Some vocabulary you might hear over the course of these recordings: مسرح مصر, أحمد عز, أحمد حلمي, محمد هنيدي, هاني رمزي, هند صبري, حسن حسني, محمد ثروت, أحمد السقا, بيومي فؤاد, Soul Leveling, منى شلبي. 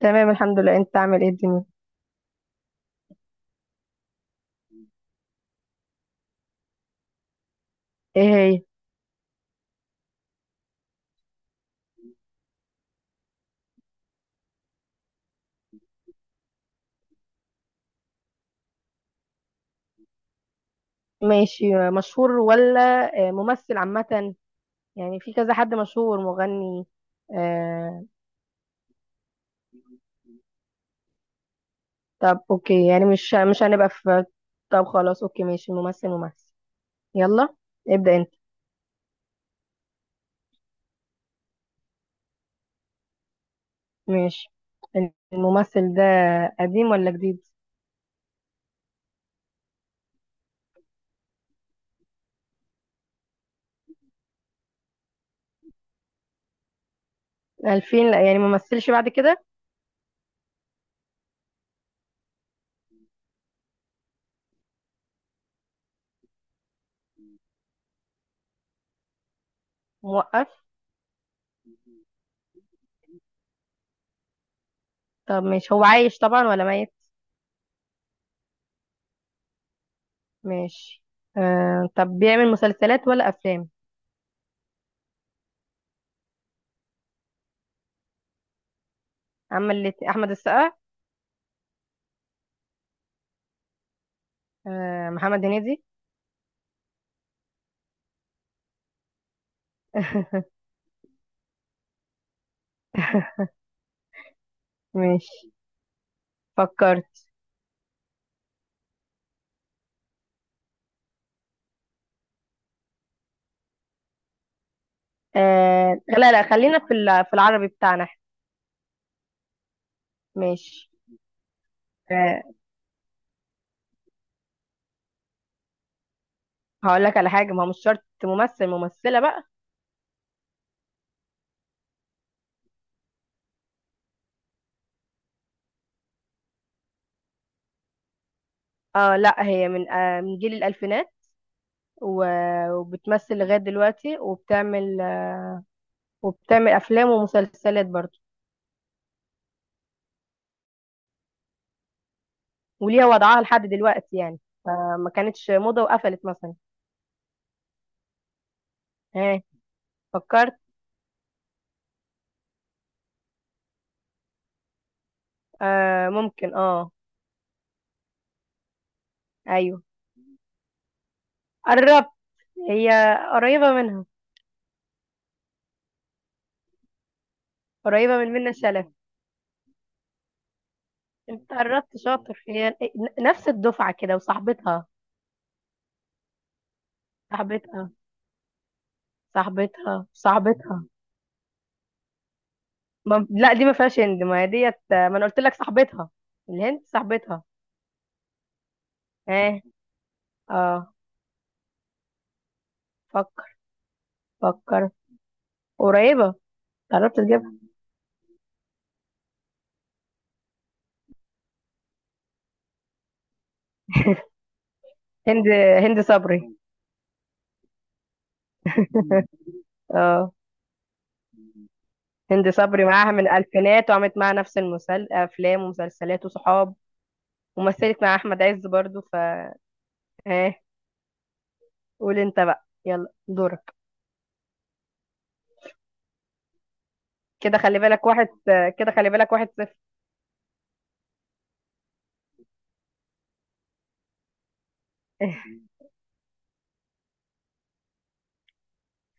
تمام، الحمد لله. انت عامل ايه الدنيا؟ ايه هي؟ ماشي، مشهور ولا ممثل عامة؟ يعني في كذا حد مشهور، مغني؟ آه طب اوكي، يعني مش هنبقى في. طب خلاص اوكي ماشي، ممثل ممثل. يلا، ابدأ انت. ماشي، الممثل ده قديم ولا جديد؟ 2000؟ لا يعني ممثلش بعد كده؟ موقف. طب ماشي، هو عايش طبعا ولا ميت؟ ماشي. آه طب بيعمل مسلسلات ولا افلام؟ عمل احمد السقا؟ محمد هنيدي. ماشي، فكرت. آه لا لا، خلينا في في العربي بتاعنا احنا. ماشي. آه، هقول لك على حاجة، ما هو مش شرط ممثل، ممثلة بقى. اه لا، هي من من جيل الألفينات. و- وبتمثل لغاية دلوقتي، وبتعمل وبتعمل أفلام ومسلسلات برضه. وليها وضعها لحد دلوقتي يعني. آه، ما كانتش موضة وقفلت مثلا. ها، فكرت. آه ممكن اه. ايوه، قربت. هي قريبة منها. قريبة من منى شلبي. انت قربت، شاطر. هي نفس الدفعة كده، وصاحبتها. صاحبتها صاحبتها. صاحبتها. ما... لا، دي ما فيهاش هند، ما هي ديت، ما انا قلت لك صاحبتها. الهند صاحبتها. اه. اه، فكر. فكر. قريبة، قربت تجيبها. هند، هند صبري. اه. هند صبري معاها من الألفينات، وعملت معاها نفس أفلام ومسلسلات وصحاب. ومثلت مع أحمد عز برضو ف. ها، قول أنت بقى، يلا دورك. كده خلي بالك واحد. كده خلي بالك واحد صفر.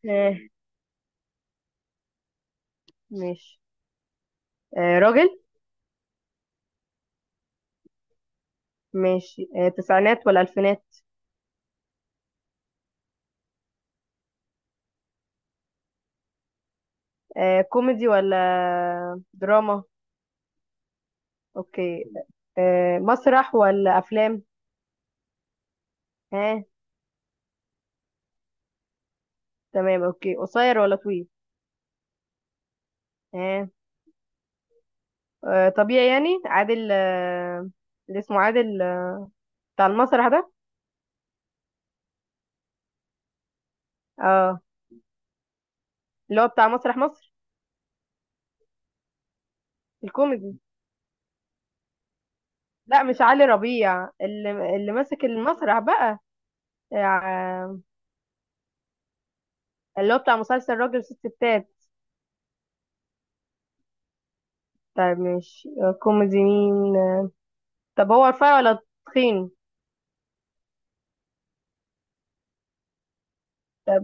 آه، ماشي. راجل. ماشي، تسعينات ولا ألفينات؟ كوميدي ولا دراما؟ أوكي. مسرح ولا أفلام؟ ها. تمام أوكي، قصير ولا طويل؟ ها. طبيعي يعني. عادل آه، اللي اسمه عادل آه، بتاع المسرح ده. اه، اللي هو بتاع مسرح مصر الكوميدي. لا، مش علي ربيع، اللي ماسك المسرح بقى. آه، اللي هو بتاع مسلسل راجل وست ستات. طيب ماشي، كوميدي مين؟ طب هو رفيع ولا تخين؟ طب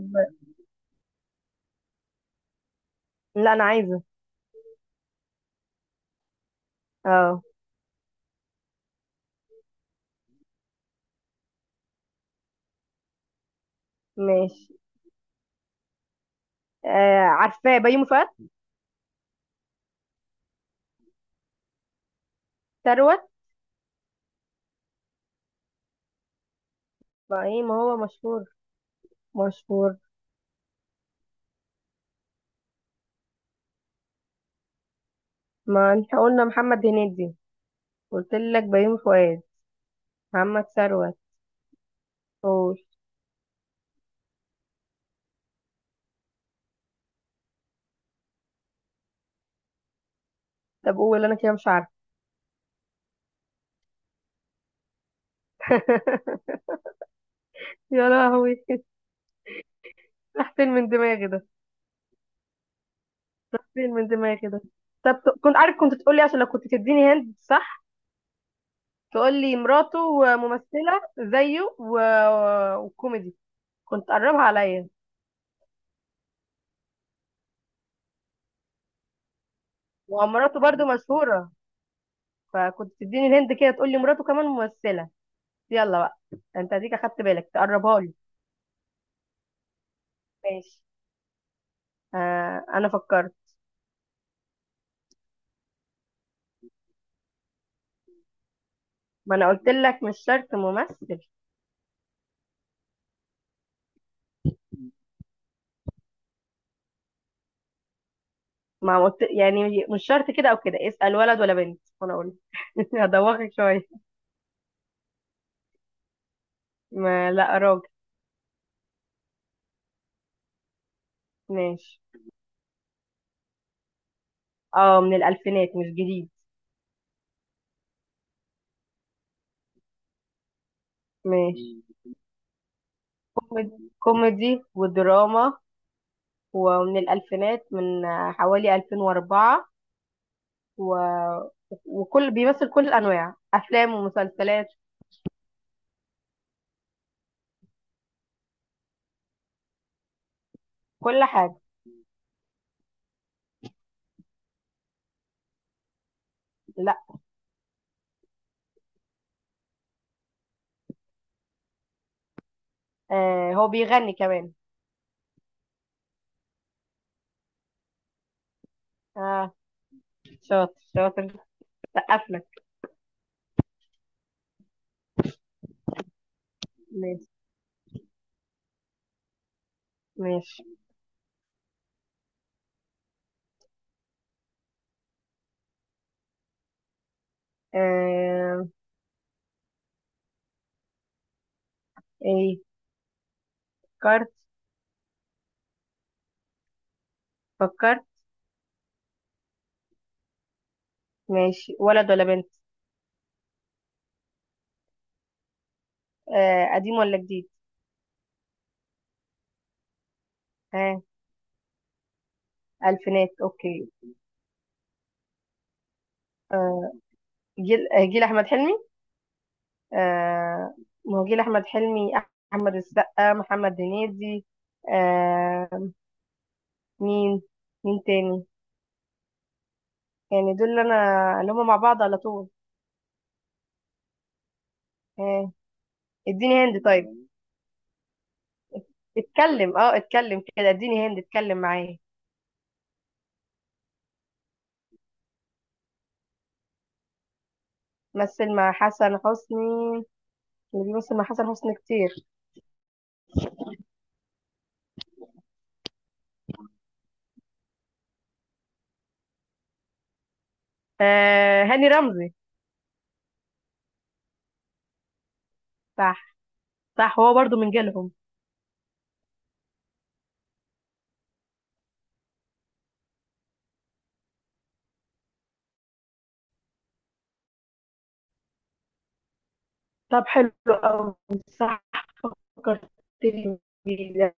لا، انا عايزه. اه، ماشي. آه، عارفاه، بيومي فؤاد؟ ثروت؟ ما ايه، ما هو مشهور. مشهور، ما احنا قلنا محمد هنيدي. قلت لك بيومي فؤاد، محمد ثروت. قول. طب قول، انا كده مش عارفه. يا لهوي! راح فين من دماغي ده؟ راح فين من دماغي ده؟ طب كنت عارف، كنت تقولي، عشان لو كنت تديني هند صح، تقول لي مراته ممثلة زيه و... وكوميدي، كنت قربها عليا. ومراته برضو مشهورة، فكنت تديني الهند كده تقول لي مراته كمان ممثلة. يلا بقى. انت هديك اخدت بالك تقربها لي. ماشي. آه، انا فكرت. ما انا قلت لك مش شرط ممثل. ما قلت يعني مش شرط كده او كده. اسأل ولد ولا بنت وانا اقول. هدوخك شوية. ما لا، راجل. ماشي. اه، من الالفينات، مش جديد. ماشي. كوميدي، كوميدي ودراما. ومن الألفينات، من حوالي 2004، و... وكل بيمثل كل الأنواع، أفلام ومسلسلات، كل حاجة. لا. آه، هو بيغني كمان. اه، شاطر شاطر. سقف لك. ماشي، ماشي. آه ايه فكرت؟ فكرت. ماشي، ولد ولا بنت؟ آه قديم ولا جديد؟ ها. آه، ألفينات أوكي. آه جيل، جيل أحمد حلمي؟ آه، ما هو جيل أحمد حلمي، أحمد السقا، محمد هنيدي، آه، مين، مين تاني؟ يعني دول اللي انا، اللي هم مع بعض على طول. اه، اديني هند طيب. اتكلم، اه اتكلم كده، اديني هند، اتكلم معايا. مثل مع حسن حسني؟ اللي بيمثل مع حسن حسني كتير. آه، هاني رمزي؟ صح. صح، هو برضو من جيلهم. طب حلو قوي. صح، فكرتني بيه.